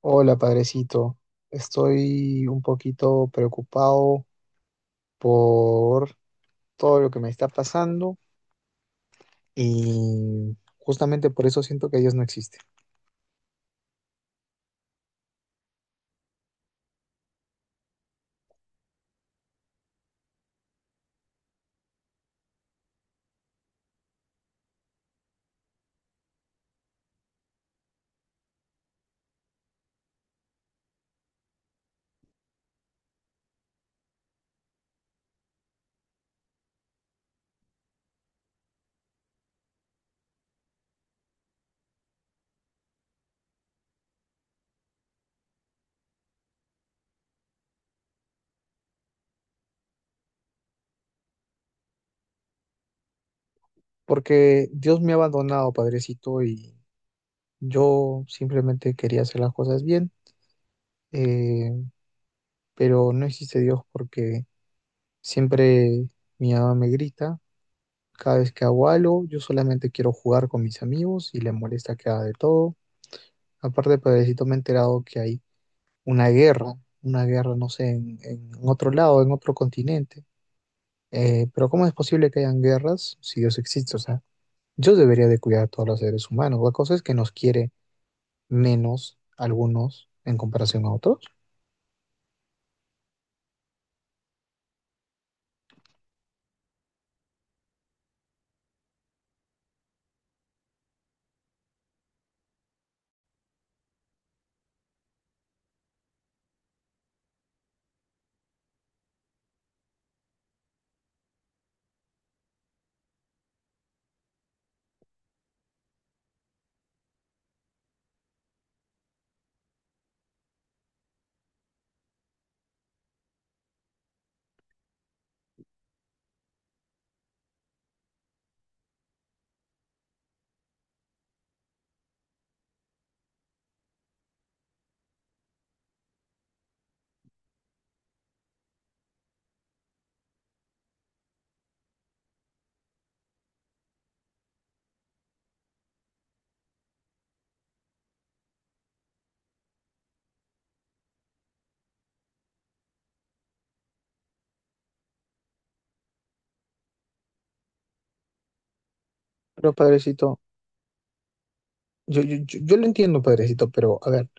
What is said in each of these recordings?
Hola, padrecito. Estoy un poquito preocupado por todo lo que me está pasando y justamente por eso siento que Dios no existe. Porque Dios me ha abandonado, padrecito, y yo simplemente quería hacer las cosas bien, eh, pero no existe Dios porque siempre mi mamá me grita. Cada vez que hago algo, yo solamente quiero jugar con mis amigos y le molesta que haga de todo. Aparte, padrecito, me he enterado que hay una guerra, una guerra, no sé, en otro lado, en otro continente. Pero ¿cómo es posible que hayan guerras si Dios existe? O sea, Dios debería de cuidar a todos los seres humanos. La cosa es que nos quiere menos algunos en comparación a otros. Pero Padrecito, yo lo entiendo, Padrecito, pero a ver,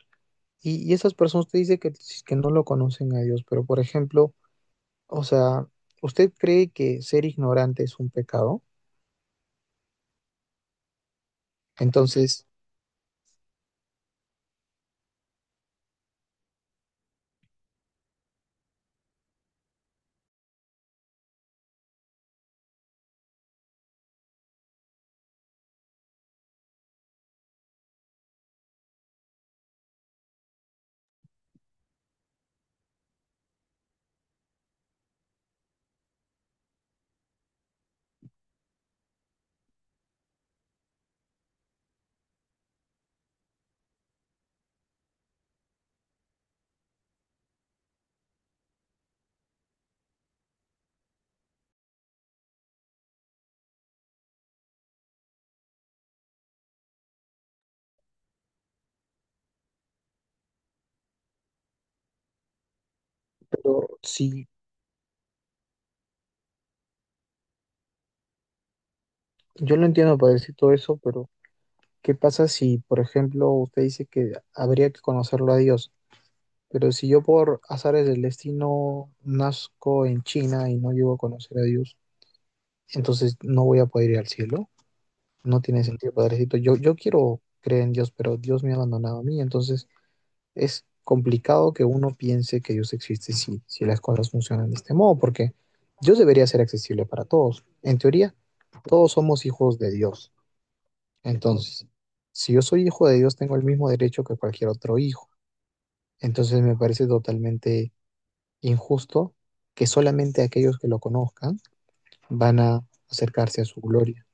y esas personas te dicen que, si, que no lo conocen a Dios, pero por ejemplo, o sea, ¿usted cree que ser ignorante es un pecado? Entonces, pero sí yo lo entiendo, Padrecito, eso, pero ¿qué pasa si, por ejemplo, usted dice que habría que conocerlo a Dios? Pero si yo por azares del destino nazco en China y no llego a conocer a Dios, entonces no voy a poder ir al cielo. No tiene sentido, padrecito. Yo quiero creer en Dios, pero Dios me ha abandonado a mí. Entonces es complicado que uno piense que Dios existe si las cosas funcionan de este modo, porque Dios debería ser accesible para todos. En teoría, todos somos hijos de Dios. Entonces, si yo soy hijo de Dios, tengo el mismo derecho que cualquier otro hijo. Entonces me parece totalmente injusto que solamente aquellos que lo conozcan van a acercarse a su gloria.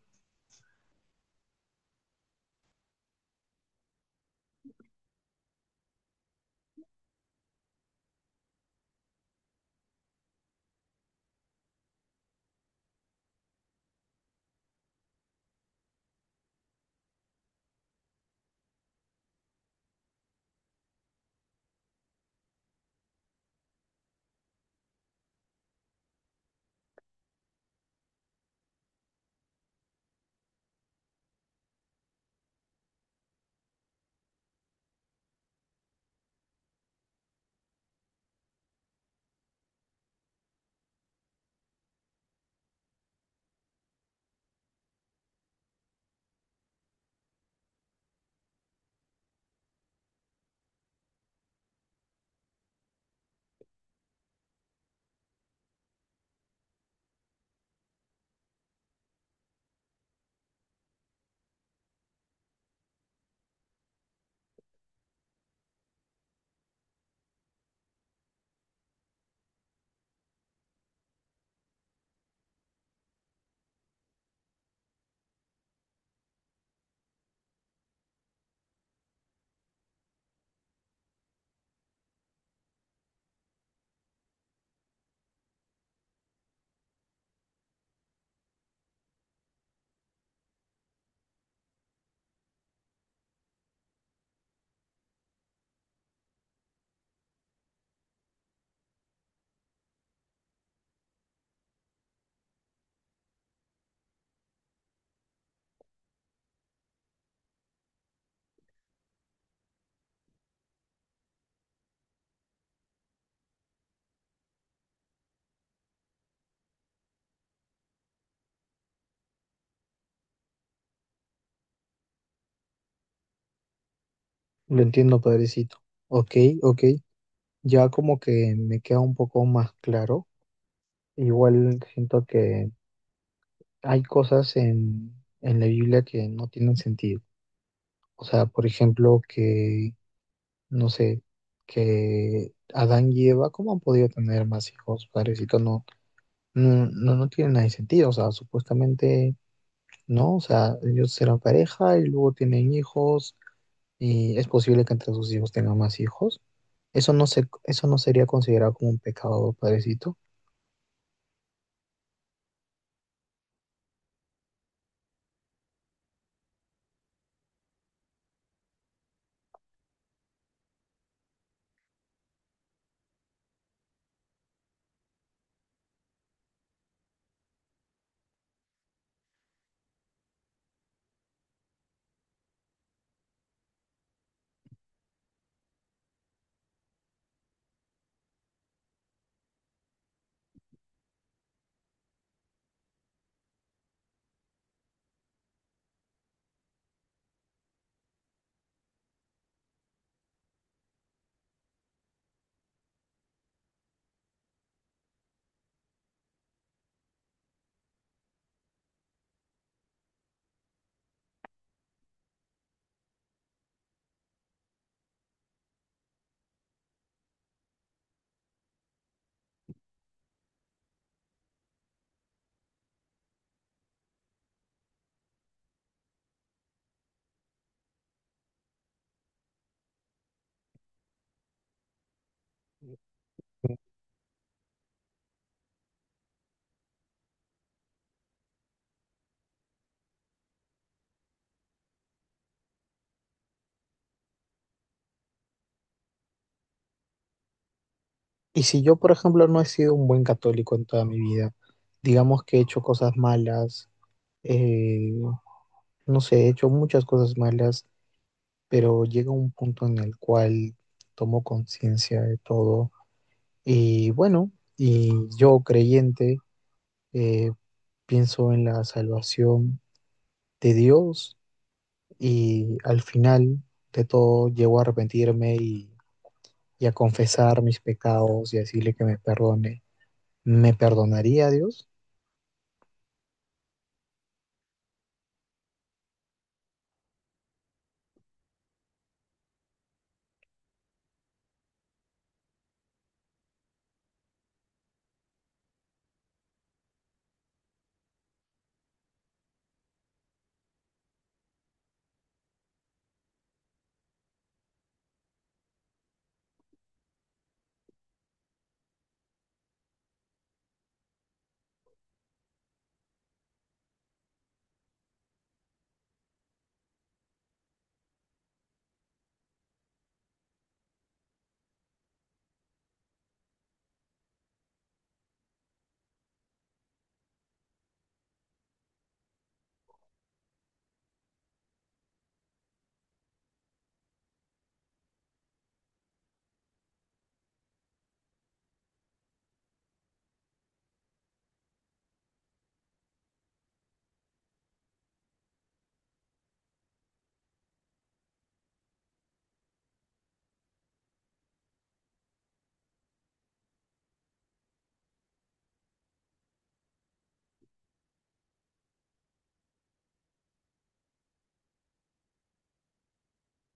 Lo entiendo, Padrecito. Ok, ok. Ya como que me queda un poco más claro. Igual siento que hay cosas en la Biblia que no tienen sentido. O sea, por ejemplo, no sé, que Adán y Eva, ¿cómo han podido tener más hijos? Padrecito, no, no, no, no tiene nada de sentido, o sea, supuestamente no, o sea, ellos serán pareja y luego tienen hijos y es posible que entre sus hijos tengan más hijos. Eso no sería considerado como un pecado, padrecito. Y si yo, por ejemplo, no he sido un buen católico en toda mi vida, digamos que he hecho cosas malas, eh, no sé, he hecho muchas cosas malas, pero llega un punto en el cual tomo conciencia de todo y bueno, y yo creyente, eh, pienso en la salvación de Dios y al final de todo llego a arrepentirme y a confesar mis pecados y a decirle que me perdone. ¿Me perdonaría Dios?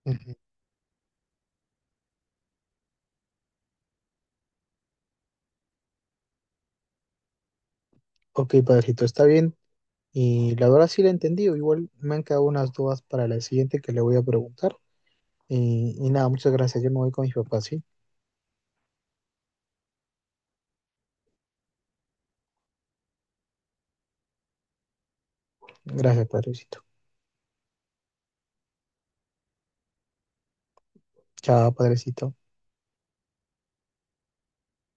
Ujú. Ok, padrecito, está bien. Y la verdad sí la he entendido. Igual me han quedado unas dudas para la siguiente que le voy a preguntar. Y nada, muchas gracias. Yo me voy con mis papás, ¿sí? Gracias, padrecito. Chao, padrecito.